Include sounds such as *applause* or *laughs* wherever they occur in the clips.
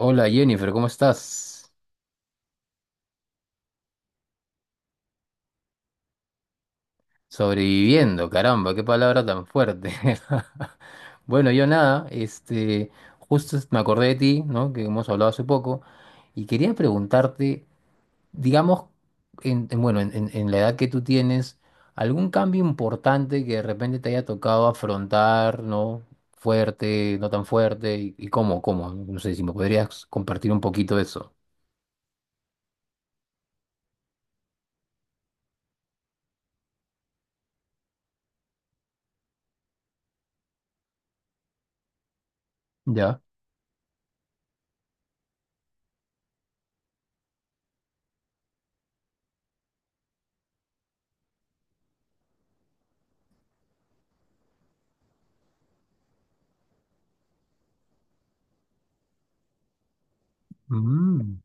Hola Jennifer, ¿cómo estás? Sobreviviendo, caramba, qué palabra tan fuerte. *laughs* Bueno, yo nada, justo me acordé de ti, ¿no? Que hemos hablado hace poco, y quería preguntarte, digamos, bueno, en la edad que tú tienes, ¿Algún cambio importante que de repente te haya tocado afrontar?, ¿no? Fuerte, no tan fuerte, y cómo, no sé si me podrías compartir un poquito de eso. Ya. Mm.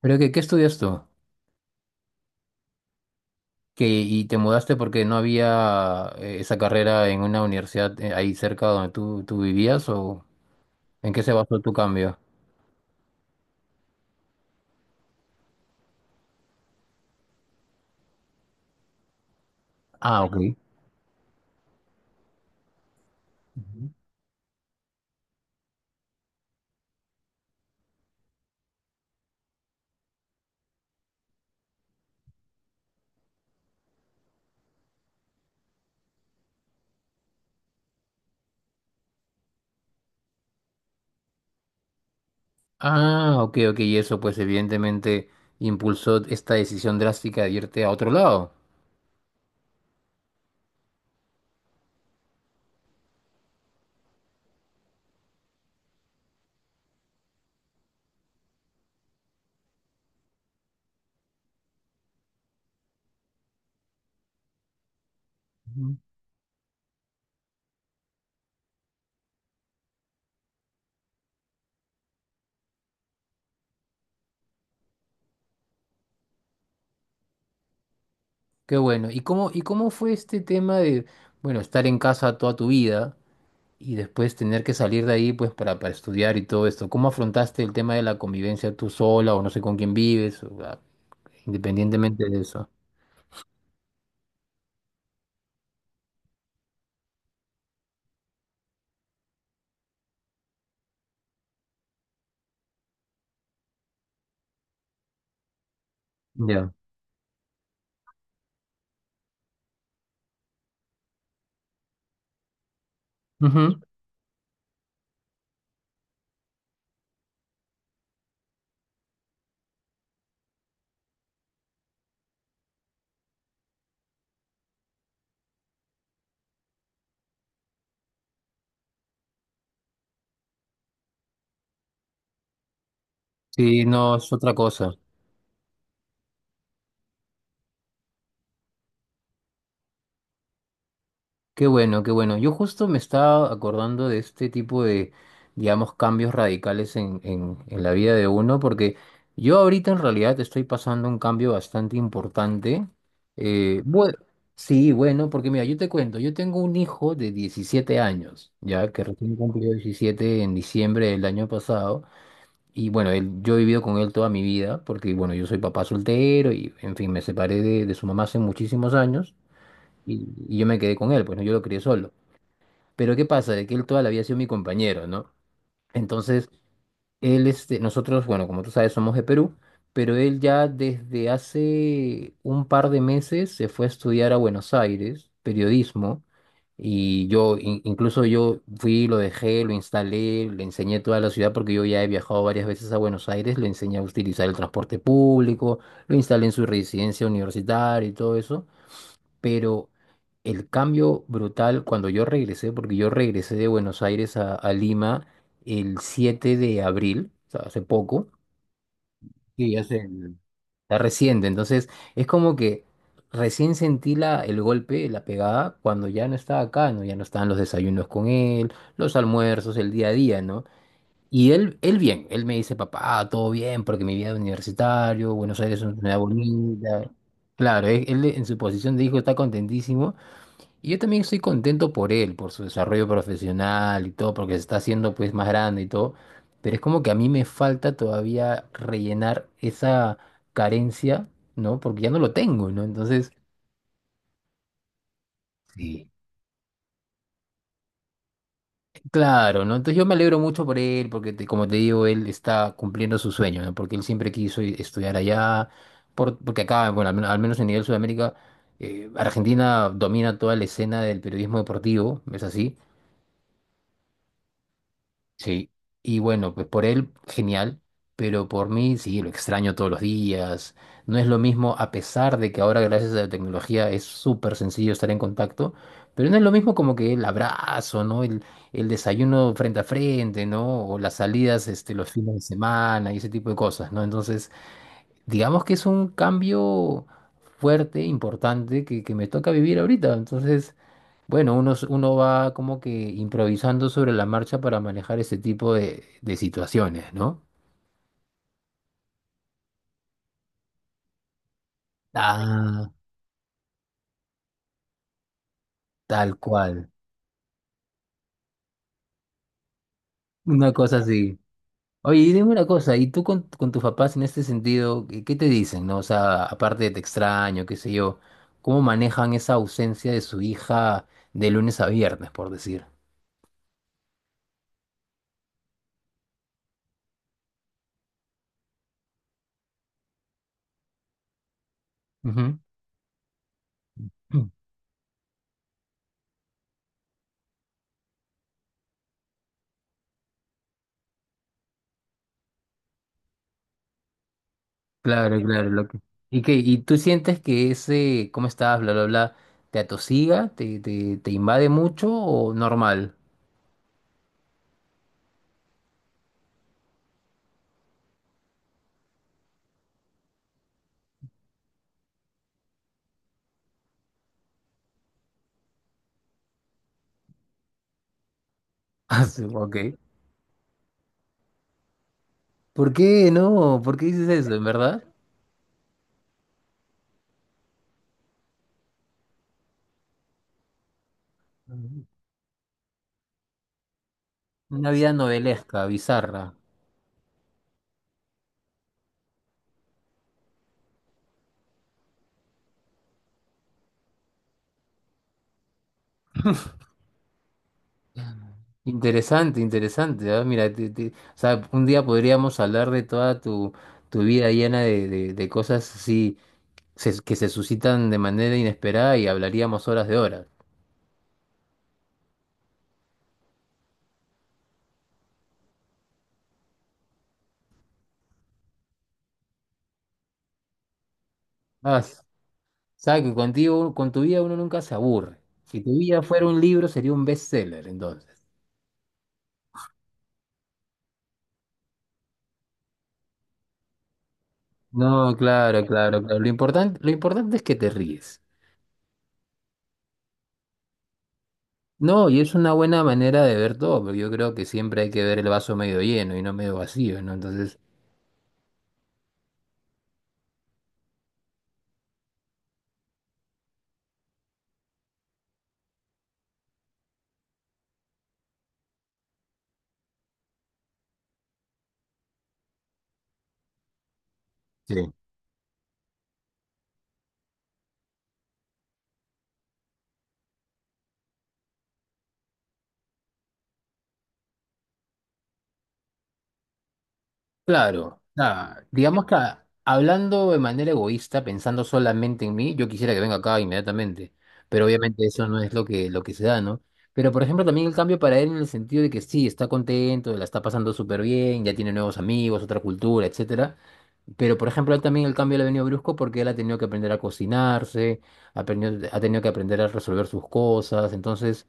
¿Pero qué estudias tú? Que y te mudaste porque no había esa carrera en una universidad ahí cerca donde tú vivías, o ¿en qué se basó tu cambio? Ah, ok. Ah, ok, ok, y eso pues evidentemente impulsó esta decisión drástica de irte a otro lado. Ujú. Qué bueno. ¿Y cómo fue este tema de, bueno, estar en casa toda tu vida y después tener que salir de ahí pues para estudiar y todo esto? ¿Cómo afrontaste el tema de la convivencia tú sola, o no sé con quién vives, o, independientemente de eso? Ya. Ujú. Sí, no, es otra cosa. Qué bueno, qué bueno. Yo justo me estaba acordando de este tipo de, digamos, cambios radicales en la vida de uno, porque yo ahorita en realidad estoy pasando un cambio bastante importante. Bueno, sí, bueno, porque mira, yo te cuento, yo tengo un hijo de 17 años, ya que recién cumplió 17 en diciembre del año pasado. Y bueno, él, yo he vivido con él toda mi vida, porque bueno, yo soy papá soltero y en fin, me separé de su mamá hace muchísimos años. Y yo me quedé con él, pues no, yo lo crié solo. Pero ¿qué pasa? De que él toda la vida ha sido mi compañero, ¿no? Entonces, nosotros, bueno, como tú sabes, somos de Perú, pero él ya desde hace un par de meses se fue a estudiar a Buenos Aires, periodismo, y incluso yo fui, lo dejé, lo instalé, le enseñé toda la ciudad, porque yo ya he viajado varias veces a Buenos Aires, le enseñé a utilizar el transporte público, lo instalé en su residencia universitaria y todo eso. Pero el cambio brutal cuando yo regresé, porque yo regresé de Buenos Aires a Lima el 7 de abril, o sea, hace poco, y está reciente, entonces es como que recién sentí el golpe, la pegada, cuando ya no estaba acá, ¿no? Ya no estaban los desayunos con él, los almuerzos, el día a día, ¿no? Y él bien, él me dice, papá, todo bien, porque mi vida es universitario, Buenos Aires es una ciudad bonita. Claro, él en su posición de hijo está contentísimo. Y yo también estoy contento por él, por su desarrollo profesional y todo, porque se está haciendo pues más grande y todo. Pero es como que a mí me falta todavía rellenar esa carencia, ¿no? Porque ya no lo tengo, ¿no? Entonces, sí, claro, ¿no? Entonces yo me alegro mucho por él, porque como te digo, él está cumpliendo su sueño, ¿no? Porque él siempre quiso estudiar allá, porque acá, bueno, al menos en nivel Sudamérica, Argentina domina toda la escena del periodismo deportivo, ¿es así? Sí, y bueno, pues por él, genial, pero por mí, sí, lo extraño todos los días. No es lo mismo, a pesar de que ahora, gracias a la tecnología, es súper sencillo estar en contacto, pero no es lo mismo como que el abrazo, ¿no? El desayuno frente a frente, ¿no? O las salidas, los fines de semana y ese tipo de cosas, ¿no? Entonces, digamos que es un cambio fuerte, importante, que me toca vivir ahorita. Entonces, bueno, uno va como que improvisando sobre la marcha para manejar ese tipo de situaciones, ¿no? Ah, tal cual. Una cosa así. Oye, y dime una cosa, ¿y tú con tus papás en este sentido, qué te dicen, ¿no? O sea, aparte de te extraño, qué sé yo, ¿cómo manejan esa ausencia de su hija de lunes a viernes, por decir? Ujú. Claro, claro, loco. ¿Y qué? ¿Y tú sientes que ese, cómo estás, bla, bla, bla, te atosiga, te invade mucho o normal? *laughs* Ah, sí, ok. ¿Por qué no? ¿Por qué dices eso, en verdad? Una vida novelesca, bizarra. Interesante, interesante. Mira, o sea, un día podríamos hablar de toda tu vida llena de cosas así que se suscitan de manera inesperada, y hablaríamos horas de horas. Ah, sabes que contigo, con tu vida uno nunca se aburre. Si tu vida fuera un libro, sería un bestseller, entonces. No, claro, claro, claro. Lo importante es que te ríes. No, y es una buena manera de ver todo, porque yo creo que siempre hay que ver el vaso medio lleno y no medio vacío, ¿no? Entonces, sí. Claro, nada, digamos que hablando de manera egoísta, pensando solamente en mí, yo quisiera que venga acá inmediatamente, pero obviamente eso no es lo que, se da, ¿no? Pero por ejemplo también el cambio para él en el sentido de que sí, está contento, la está pasando súper bien, ya tiene nuevos amigos, otra cultura, etcétera. Pero, por ejemplo, a él también el cambio le ha venido brusco porque él ha tenido que aprender a cocinarse, ha tenido que aprender a resolver sus cosas. Entonces,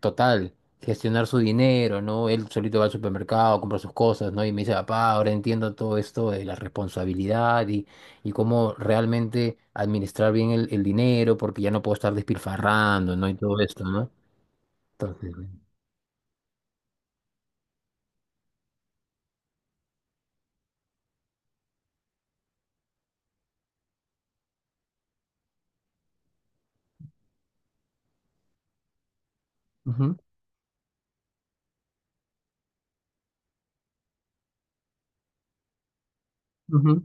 total, gestionar su dinero, ¿no? Él solito va al supermercado, compra sus cosas, ¿no? Y me dice, papá, ahora entiendo todo esto de la responsabilidad y cómo realmente administrar bien el dinero, porque ya no puedo estar despilfarrando, ¿no? Y todo esto, ¿no? Entonces, bueno. Ujú, ujú.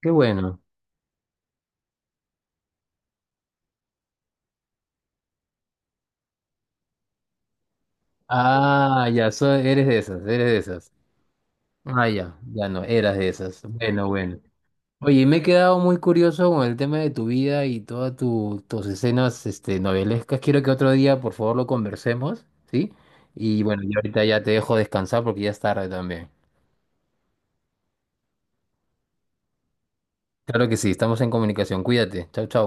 Qué bueno. Ah, ya, eres de esas, eres de esas. Ah, ya, ya no, eras de esas. Bueno, bueno. Oye, y me he quedado muy curioso con el tema de tu vida y todas tus escenas novelescas. Quiero que otro día, por favor, lo conversemos, ¿sí? Y bueno, yo ahorita ya te dejo descansar porque ya es tarde también. Claro que sí, estamos en comunicación. Cuídate. Chau, chau.